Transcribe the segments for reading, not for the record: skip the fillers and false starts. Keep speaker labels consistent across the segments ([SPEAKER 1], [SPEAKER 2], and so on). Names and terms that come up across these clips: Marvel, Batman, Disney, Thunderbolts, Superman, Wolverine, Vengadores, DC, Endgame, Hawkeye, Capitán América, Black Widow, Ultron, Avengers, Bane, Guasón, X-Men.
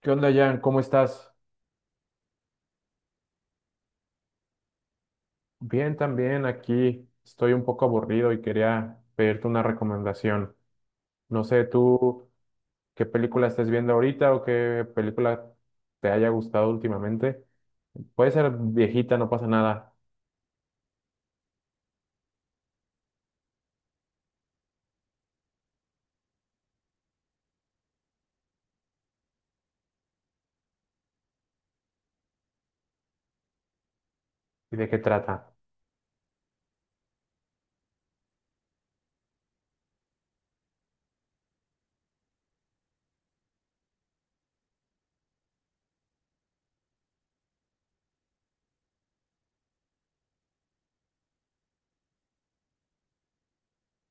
[SPEAKER 1] ¿Qué onda, Jan? ¿Cómo estás? Bien, también aquí. Estoy un poco aburrido y quería pedirte una recomendación. No sé, tú qué película estés viendo ahorita o qué película te haya gustado últimamente. Puede ser viejita, no pasa nada. ¿Y de qué trata?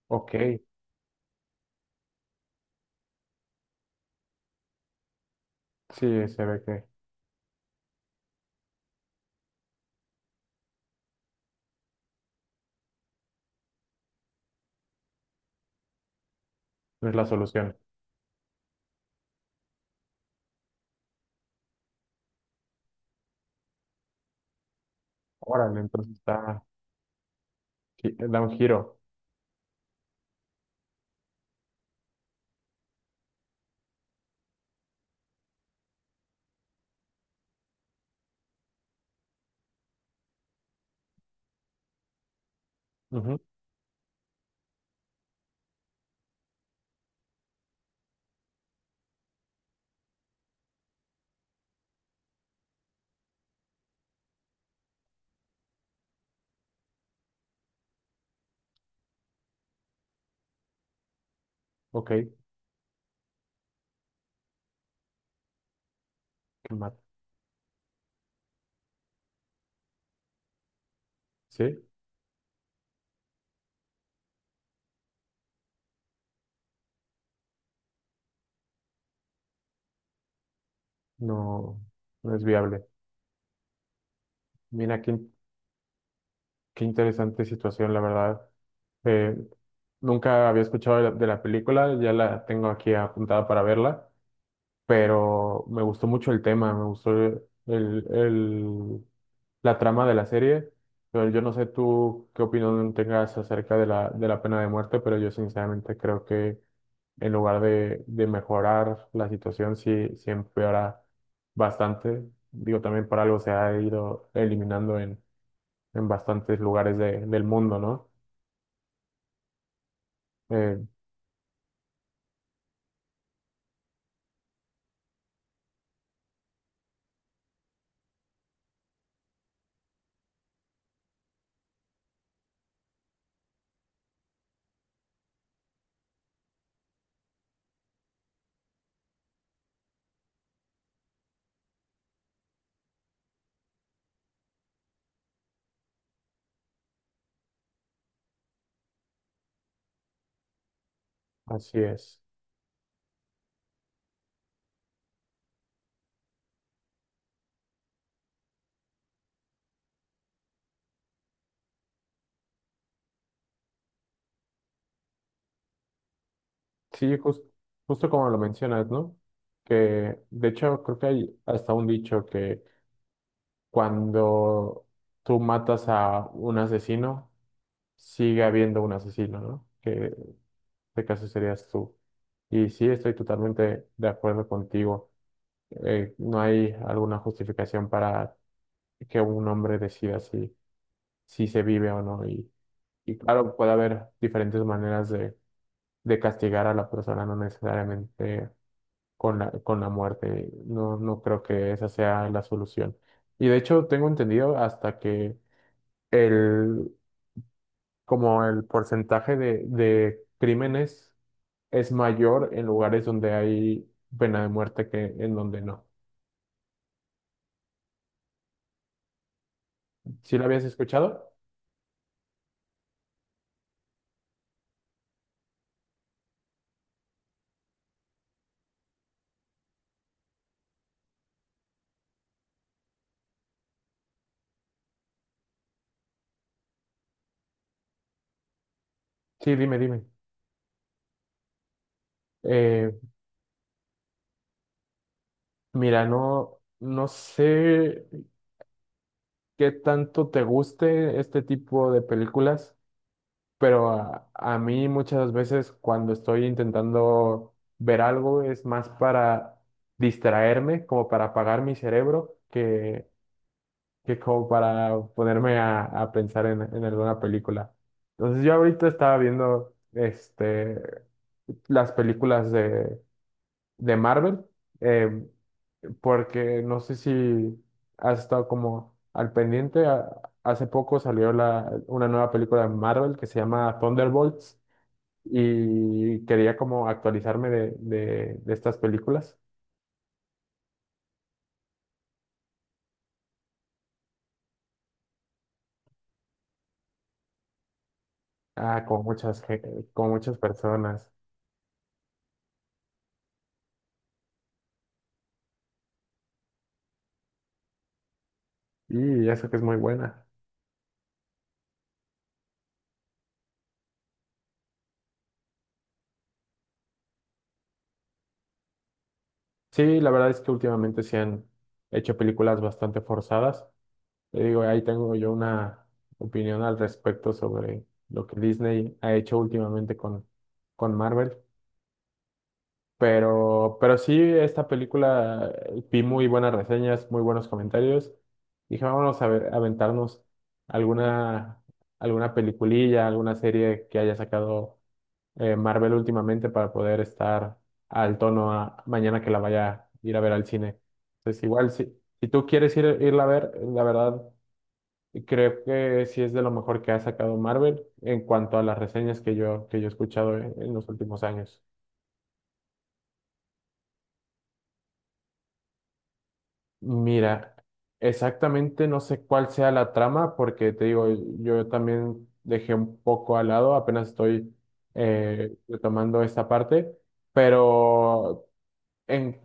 [SPEAKER 1] Ok, sí, se ve que no es la solución. Órale, entonces está, da un giro. Ujú. Ok, qué mal. ¿Sí? No, no es viable. Mira, qué. Qué interesante situación, la verdad. Eh, Nunca había escuchado de de la película, ya la tengo aquí apuntada para verla, pero me gustó mucho el tema, me gustó el- la trama de la serie. Pero yo no sé tú qué opinión tengas acerca de de la pena de muerte, pero yo sinceramente creo que en lugar de mejorar la situación, sí, sí empeora bastante. Digo, también por algo se ha ido eliminando en bastantes lugares del mundo, ¿no? Eh, Así es. Sí, jus- Justo como lo mencionas, ¿no? Que de hecho creo que hay hasta un dicho que cuando tú matas a un asesino, sigue habiendo un asesino, ¿no? Que en este caso serías tú. Y sí, estoy totalmente de acuerdo contigo. No hay alguna justificación para que un hombre decida si, si se vive o no. Y claro, puede haber diferentes maneras de castigar a la persona, no necesariamente con con la muerte. No, no creo que esa sea la solución. Y de hecho, tengo entendido hasta que el, como el porcentaje de crímenes es mayor en lugares donde hay pena de muerte que en donde no. ¿Sí lo habías escuchado? Sí, dime, dime. Eh, Mira, no, no sé qué tanto te guste este tipo de películas. Pero a mí muchas veces cuando estoy intentando ver algo es más para distraerme, como para apagar mi cerebro, que como para ponerme a pensar en alguna película. Entonces yo ahorita estaba viendo este, las películas de Marvel, eh, porque no sé si has estado como al pendiente. Hace poco salió la, una nueva película de Marvel que se llama Thunderbolts y quería como actualizarme de estas películas. Ah, con con muchas personas, y eso que es muy buena. Sí, la verdad es que últimamente se han hecho películas bastante forzadas. Te digo, ahí tengo yo una opinión al respecto sobre lo que Disney ha hecho últimamente con Marvel. Pero sí, esta película vi muy buenas reseñas, muy buenos comentarios. Dije, vámonos a ver, a aventarnos alguna, alguna peliculilla, alguna serie que haya sacado Marvel últimamente para poder estar al tono mañana que la vaya a ir a ver al cine. Entonces, igual, si, si tú quieres ir, irla a ver, la verdad, creo que sí es de lo mejor que ha sacado Marvel en cuanto a las reseñas que que yo he escuchado en los últimos años. Mira, exactamente no sé cuál sea la trama, porque te digo, yo también dejé un poco al lado, apenas estoy retomando esta parte, pero en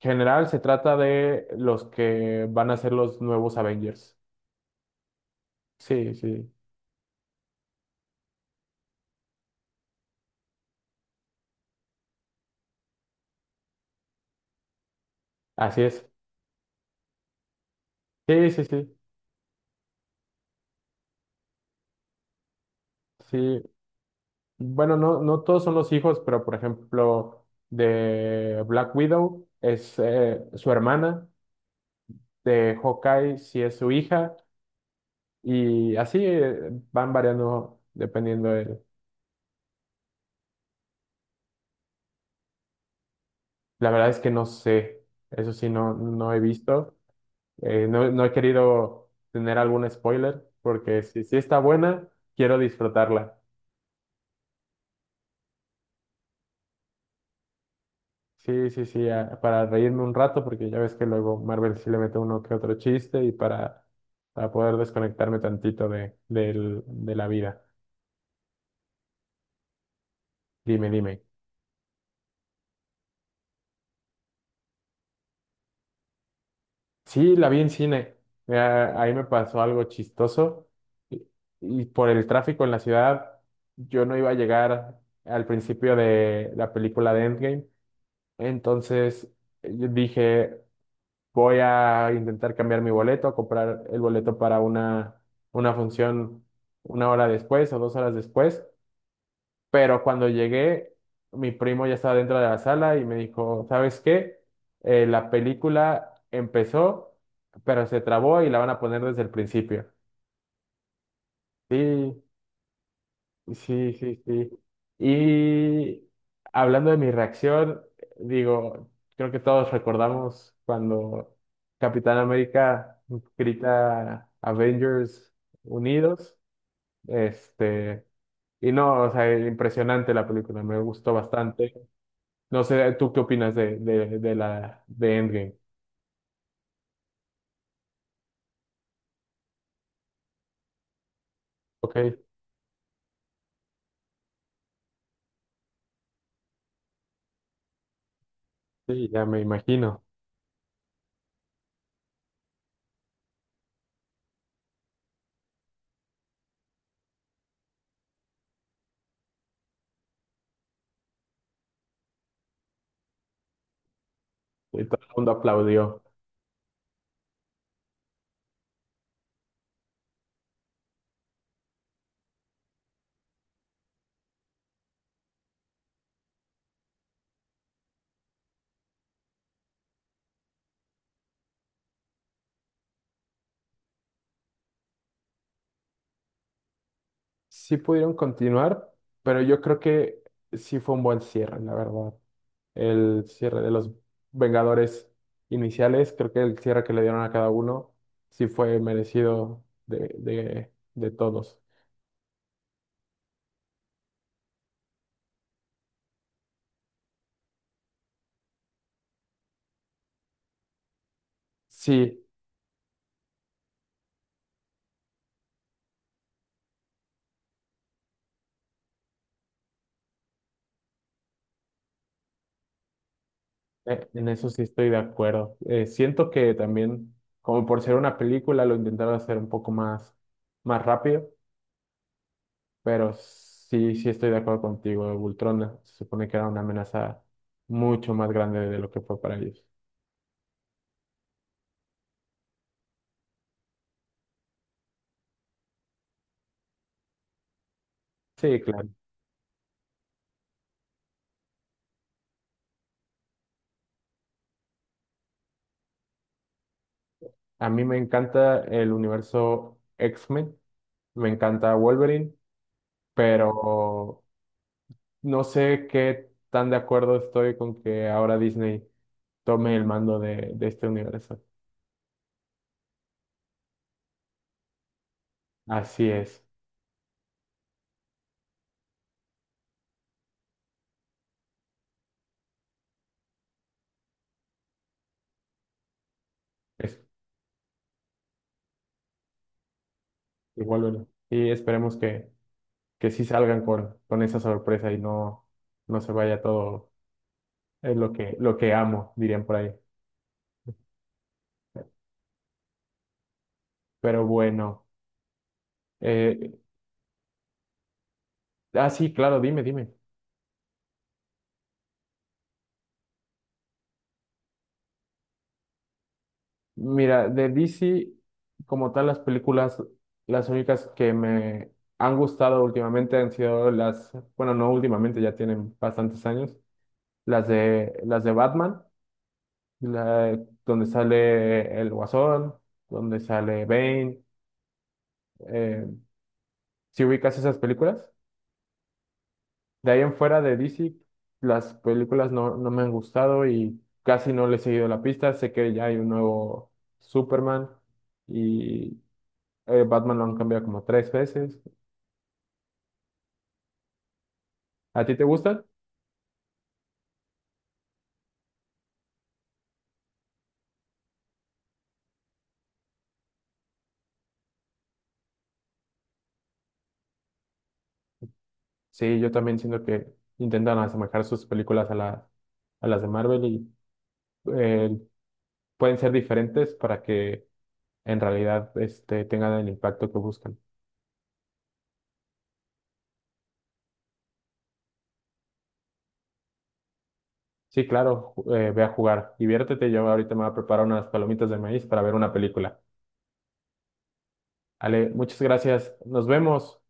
[SPEAKER 1] general se trata de los que van a ser los nuevos Avengers. Sí, sí, así es. Sí, sí, sí, sí. Bueno, no, no todos son los hijos, pero por ejemplo, de Black Widow es su hermana, de Hawkeye sí es su hija. Y así van variando dependiendo del... La verdad es que no sé, eso sí, no, no he visto. No, no he querido tener algún spoiler porque si, si está buena, quiero disfrutarla. Sí, sí, sí, a- para reírme un rato porque ya ves que luego Marvel sí le mete uno que otro chiste y para poder desconectarme tantito de la vida. Dime, dime. Sí, la vi en cine. Mira, ahí me pasó algo chistoso. Y, y por el tráfico en la ciudad, yo no iba a llegar al principio de la película de Endgame. Entonces yo dije, voy a intentar cambiar mi boleto, a comprar el boleto para una función una hora después o dos horas después. Pero cuando llegué, mi primo ya estaba dentro de la sala y me dijo, ¿sabes qué? La película empezó, pero se trabó y la van a poner desde el principio. Sí, sí, sí, sí. Y hablando de mi reacción, digo, creo que todos recordamos cuando Capitán América grita Avengers Unidos, este, y no, o sea, impresionante la película, me gustó bastante. No sé, ¿tú qué opinas de la de Endgame? Ok, sí, ya me imagino. Y todo el mundo aplaudió. Sí pudieron continuar, pero yo creo que sí fue un buen cierre, la verdad. El cierre de los Vengadores iniciales, creo que el cierre que le dieron a cada uno sí fue merecido de todos. Sí, en eso sí estoy de acuerdo. Siento que también, como por ser una película, lo intentaron hacer un poco más, más rápido. Pero sí, sí estoy de acuerdo contigo. Ultron se supone que era una amenaza mucho más grande de lo que fue para ellos. Sí, claro. A mí me encanta el universo X-Men, me encanta Wolverine, pero no sé qué tan de acuerdo estoy con que ahora Disney tome el mando de este universo. Así es igual Wolverine. Y esperemos que sí salgan con esa sorpresa y no, no se vaya todo, es lo que amo, dirían por ahí. Pero bueno, eh, ah, sí, claro, dime, dime. Mira, de DC, como tal, las películas, las únicas que me han gustado últimamente han sido las, bueno, no últimamente, ya tienen bastantes años, las las de Batman, la- donde sale el Guasón, donde sale Bane, eh, ¿sí ubicas esas películas? De ahí en fuera de DC, las películas no, no me han gustado y casi no le he seguido la pista. Sé que ya hay un nuevo Superman y Batman lo han cambiado como tres veces. ¿A ti te gustan? Sí, yo también siento que intentan asemejar sus películas a las de Marvel y eh, pueden ser diferentes para que en realidad este, tengan el impacto que buscan. Sí, claro, ve a jugar, diviértete. Yo ahorita me voy a preparar unas palomitas de maíz para ver una película. Ale, muchas gracias. Nos vemos.